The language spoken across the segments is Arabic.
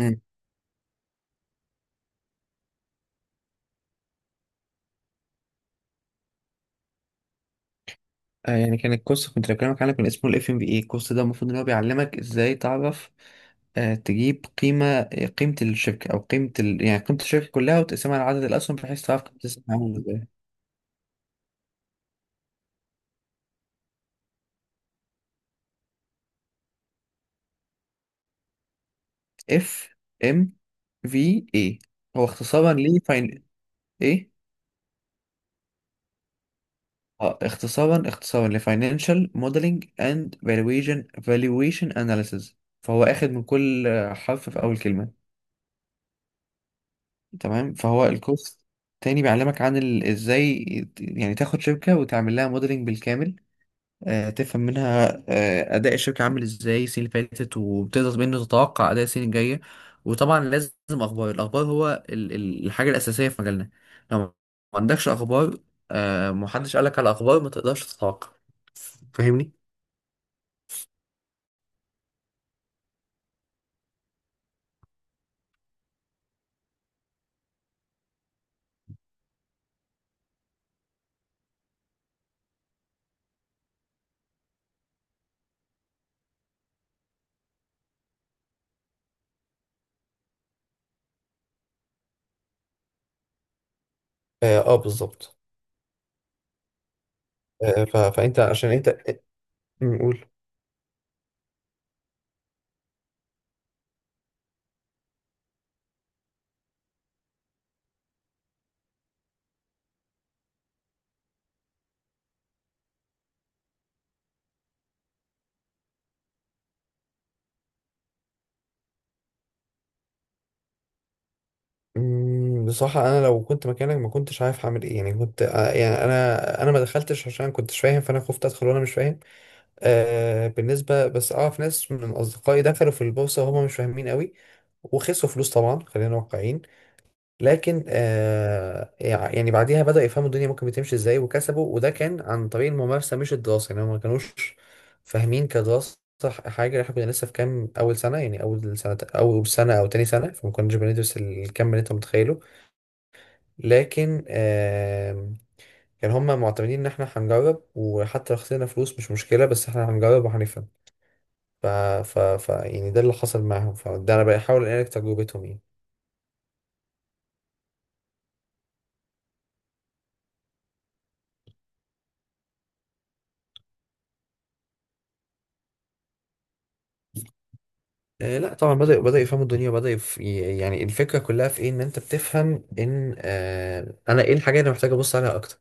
مم. آه، يعني كان الكورس كنت بكلمك عنه كان اسمه الاف ام بي اي. الكورس ده المفروض ان هو بيعلمك ازاي تعرف، تجيب قيمه، قيمه الشركه او قيمه يعني قيمه الشركه كلها وتقسمها لعدد الاسهم بحيث تعرف قيمه السهم عامله ازاي. اف ام في اي هو اختصارا ل فاين ايه. اه، اختصارا لفاينانشال موديلنج اند فالويشن اناليسيز. فهو اخد من كل حرف في اول كلمه. تمام، فهو الكورس تاني بيعلمك ازاي يعني تاخد شركة وتعمل لها موديلنج بالكامل. تفهم منها أداء الشركة عامل ازاي السنة اللي فاتت، وبتقدر منه تتوقع أداء السنة الجاية. وطبعا لازم أخبار. الأخبار هو الحاجة الأساسية في مجالنا. لو ما عندكش أخبار، محدش قالك على أخبار، ما تقدرش تتوقع. فاهمني؟ اه، بالظبط. آه، ف- فانت عشان انت قول. بصراحة أنا لو كنت مكانك ما كنتش عارف هعمل إيه. يعني كنت، يعني أنا ما دخلتش عشان ما كنتش فاهم، فأنا خفت أدخل وأنا مش فاهم. بالنسبة، بس أعرف ناس من أصدقائي دخلوا في البورصة وهم مش فاهمين قوي، وخسروا فلوس. طبعا خلينا واقعيين. لكن يعني بعديها بدأوا يفهموا الدنيا ممكن بتمشي إزاي، وكسبوا. وده كان عن طريق الممارسة مش الدراسة. يعني هم ما كانوش فاهمين كدراسة حاجة. احنا كنا لسه في كام أول سنة، يعني أول سنة أو تاني سنة، فما كناش بندرس الكم اللي أنت متخيله. لكن كان هما معتمدين ان احنا هنجرب، وحتى لو خسرنا فلوس مش مشكله، بس احنا هنجرب وهنفهم. ف... ف... ف يعني ده اللي حصل معاهم، فده انا بحاول انقل تجربتهم يعني. آه لا، طبعا بدأوا يفهموا الدنيا. وبدأ يعني الفكرة كلها في ايه. ان انت بتفهم ان انا ايه الحاجة اللي محتاج ابص عليها اكتر.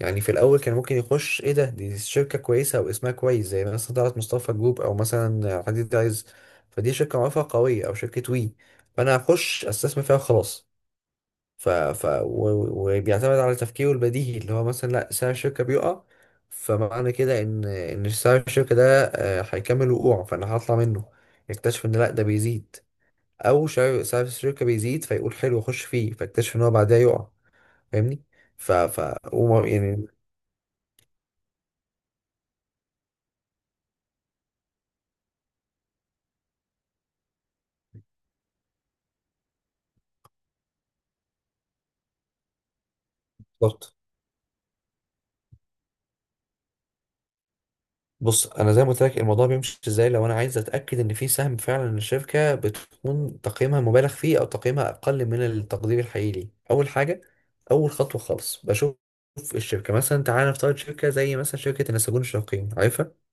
يعني في الاول كان ممكن يخش. ايه ده؟ دي شركة كويسة او اسمها كويس، زي مثلا طلعت مصطفى جروب، او مثلا حديد عايز. فدي شركة معروفة قوية، او شركة وي، فانا هخش استثمر فيها وخلاص. وبيعتمد على تفكيره البديهي اللي هو مثلا، لا سعر الشركة بيقع، فمعنى كده ان سعر الشركة ده، هيكمل وقوعه، فانا هطلع منه. يكتشف ان لا، ده بيزيد. او سعر الشركة بيزيد، فيقول حلو اخش فيه، فاكتشف ان هو بعدها يقع. فاهمني؟ يعني بالظبط. بص، انا زي ما قلت لك الموضوع بيمشي ازاي. لو انا عايز اتاكد ان في سهم فعلا الشركه بتكون تقييمها مبالغ فيه او تقييمها اقل من التقدير الحقيقي ليه، اول حاجه، اول خطوه خالص، بشوف الشركه. مثلا تعالى نفترض شركه زي مثلا شركه النساجون الشرقية، عارفها؟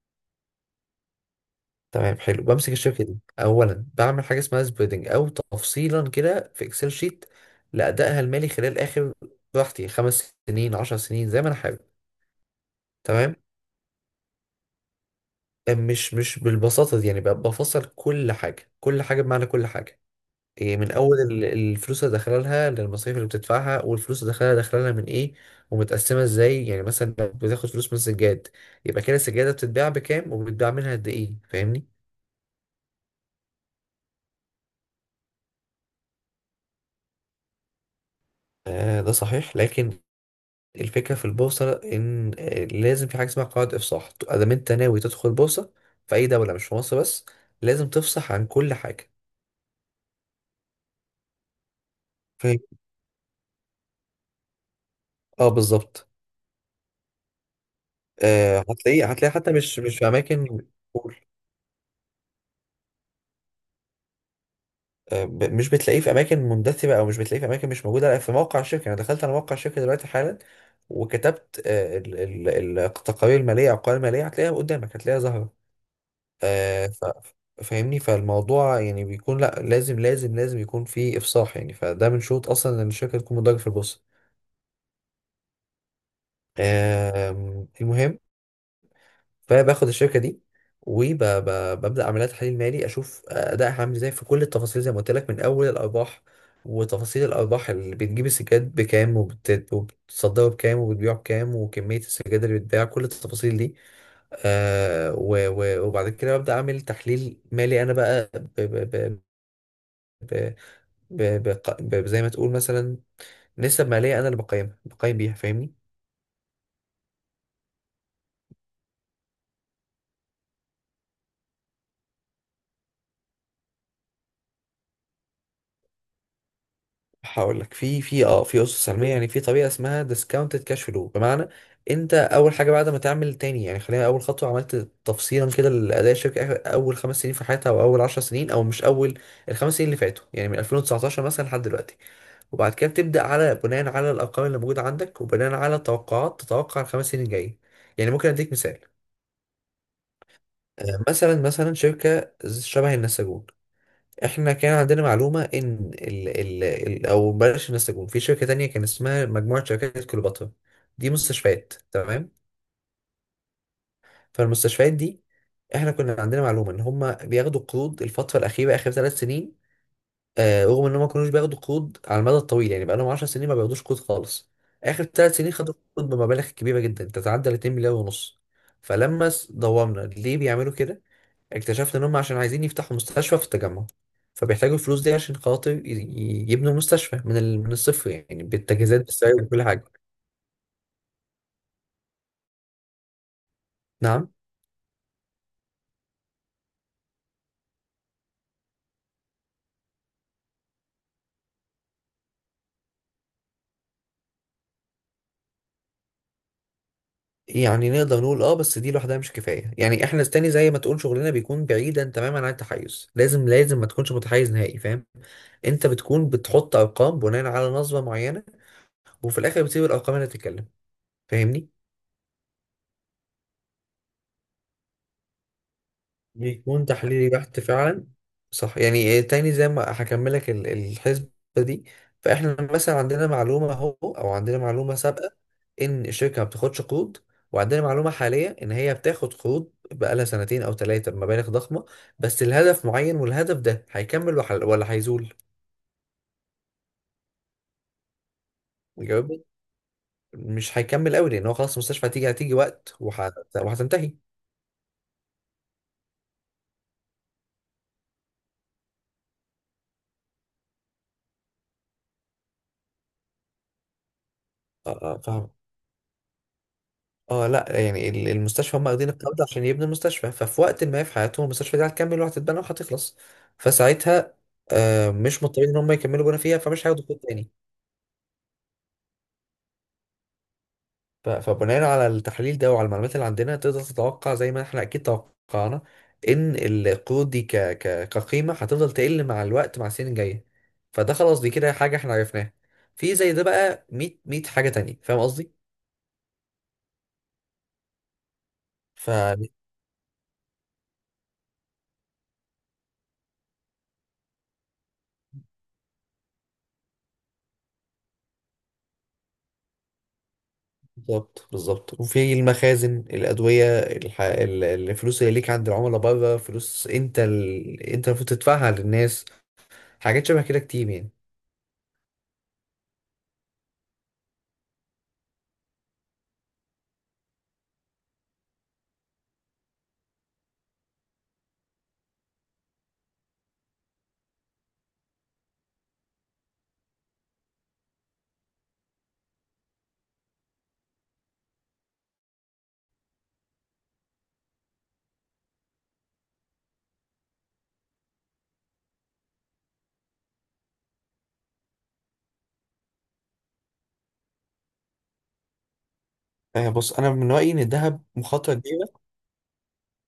تمام، حلو. بمسك الشركه دي اولا، بعمل حاجه اسمها سبريدنج، او تفصيلا كده في اكسل شيت لادائها المالي خلال اخر، براحتي، 5 سنين، 10 سنين، زي ما انا حابب. تمام. مش بالبساطة دي، يعني بقى بفصل كل حاجة، كل حاجة بمعنى كل حاجة. إيه، من أول الفلوس اللي داخلة لها، للمصاريف اللي بتدفعها، والفلوس اللي داخلة لها من إيه، ومتقسمة إزاي. يعني مثلا لو بتاخد فلوس من سجاد، يبقى كده السجادة بتتباع بكام، وبتتباع منها قد إيه. فاهمني؟ آه، ده صحيح. لكن الفكرة في البورصة إن، لازم في حاجة اسمها قواعد إفصاح. أدام أنت ناوي تدخل بورصة في أي دولة، مش في مصر بس، لازم تفصح عن كل حاجة. فاهم؟ اه، بالظبط. هتلاقيه حتى، مش في اماكن. قول. مش بتلاقيه في اماكن مندثره، او مش بتلاقيه في اماكن مش موجوده. لا، في موقع الشركه. انا دخلت على موقع الشركه دلوقتي حالا، وكتبت، التقارير الماليه او القوائم الماليه، هتلاقيها قدامك، هتلاقيها ظاهره. آه، ف- فاهمني. فالموضوع يعني بيكون، لا، لازم لازم لازم يكون في افصاح. يعني فده من شروط اصلا ان الشركه تكون مدرجه في البورصه. المهم، فباخد الشركه دي وببدا اعمل لها تحليل مالي، اشوف ادائها عامل ازاي في كل التفاصيل، زي ما قلت لك، من اول الارباح وتفاصيل الارباح، اللي بتجيب السجاد بكام وبتصدره بكام وبتبيعه بكام، وكميه السجاد اللي بتباع، كل التفاصيل دي. وبعد كده ببدا اعمل تحليل مالي انا، بقى، ب ب ب ب ب ب ب زي ما تقول مثلا نسب ماليه، انا اللي بقيمها، بقيم بيها. فاهمني؟ هقول لك. في اسس سلميه. يعني في طريقه اسمها ديسكاونتد كاش فلو، بمعنى، انت اول حاجه بعد ما تعمل، تاني يعني، خلينا اول خطوه، عملت تفصيلا كده لاداء الشركه اول 5 سنين في حياتها، او اول 10 سنين، او مش اول، الخمس سنين اللي فاتوا يعني، من 2019 مثلا لحد دلوقتي. وبعد كده بتبدا بناء على الارقام اللي موجوده عندك، وبناء على توقعات، تتوقع الخمس سنين الجايه. يعني ممكن اديك مثال. مثلا شركه شبه النساجون. احنا كان عندنا معلومة ان ال ال ال او بلاش النساجون، في شركة تانية كان اسمها مجموعة شركات كليوباترا، دي مستشفيات، تمام. فالمستشفيات دي، احنا كنا عندنا معلومة ان هم بياخدوا قروض الفترة الأخيرة، آخر 3 سنين. رغم ان هم ما كانوش بياخدوا قروض على المدى الطويل، يعني بقالهم 10 سنين ما بياخدوش قروض خالص. آخر 3 سنين خدوا قروض بمبالغ كبيرة جدا، تتعدى ال 2 مليار ونص. فلما دورنا ليه بيعملوا كده، اكتشفت ان هم عشان عايزين يفتحوا مستشفى في التجمع. فبيحتاجوا الفلوس دي عشان خاطر يبنوا مستشفى من الصفر، يعني بالتجهيزات، بالسعر، بكل حاجه. نعم. يعني نقدر نقول اه، بس دي لوحدها مش كفايه. يعني احنا تاني، زي ما تقول، شغلنا بيكون بعيدا تماما عن التحيز، لازم لازم ما تكونش متحيز نهائي، فاهم؟ انت بتكون بتحط ارقام بناء على نظره معينه، وفي الاخر بتسيب الارقام اللي تتكلم. فاهمني؟ بيكون تحليلي بحت فعلا. صح، يعني إيه، تاني زي ما هكملك الحسبة دي. فاحنا مثلا عندنا معلومة سابقة ان الشركة ما بتاخدش قروض، وعندنا معلومة حالية ان هي بتاخد قروض بقالها سنتين او ثلاثة بمبالغ ضخمة. بس الهدف معين، والهدف ده هيكمل ولا هيزول. جاوبني. مش هيكمل قوي، لان هو خلاص المستشفى، هتيجي وقت وهتنتهي. آه، آه، فاهم. اه لا، يعني المستشفى هم واخدين القرض عشان يبنوا المستشفى، ففي وقت ما في حياتهم المستشفى دي هتكمل وهتتبنى وهتخلص. فساعتها مش مضطرين ان هم يكملوا بنا فيها، فمش هياخدوا كود تاني. فبناء على التحليل ده وعلى المعلومات اللي عندنا، تقدر تتوقع، زي ما احنا اكيد توقعنا، ان القروض دي ك ك كقيمة هتفضل تقل مع الوقت، مع السنين الجاية. فده خلاص، دي كده حاجة احنا عرفناها. في زي ده بقى 100، 100 حاجة تانية. فاهم قصدي؟ بالظبط بالظبط. وفي المخازن، الأدوية، الفلوس اللي ليك عند العملاء بره، فلوس انت انت المفروض تدفعها للناس، حاجات شبه كده كتير يعني. آه، بص، انا من رأيي ان الذهب مخاطرة كبيرة.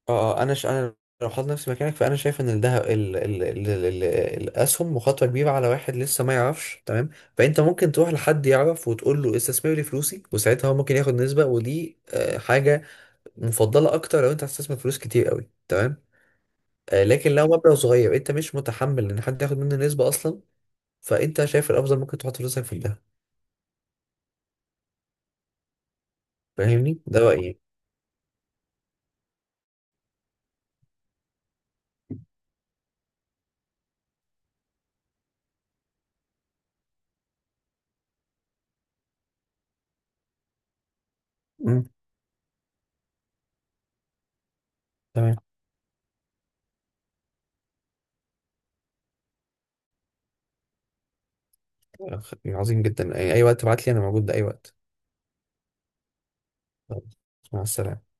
انا انا لو حاطط نفسي مكانك، فانا شايف ان الذهب الاسهم مخاطرة كبيرة على واحد لسه ما يعرفش، تمام؟ فانت ممكن تروح لحد يعرف وتقول له استثمر لي فلوسي، وساعتها هو ممكن ياخد نسبة، ودي حاجة مفضلة اكتر لو انت هتستثمر فلوس كتير قوي. تمام. لكن لو مبلغ صغير انت مش متحمل ان حد ياخد منه نسبة اصلا، فانت شايف الافضل ممكن تحط فلوسك في الذهب. فاهمني؟ ده رأيي. امم تمام. عظيم جدا. اي وقت تبعت لي انا موجود ده، اي وقت. خلاص، مع السلامة.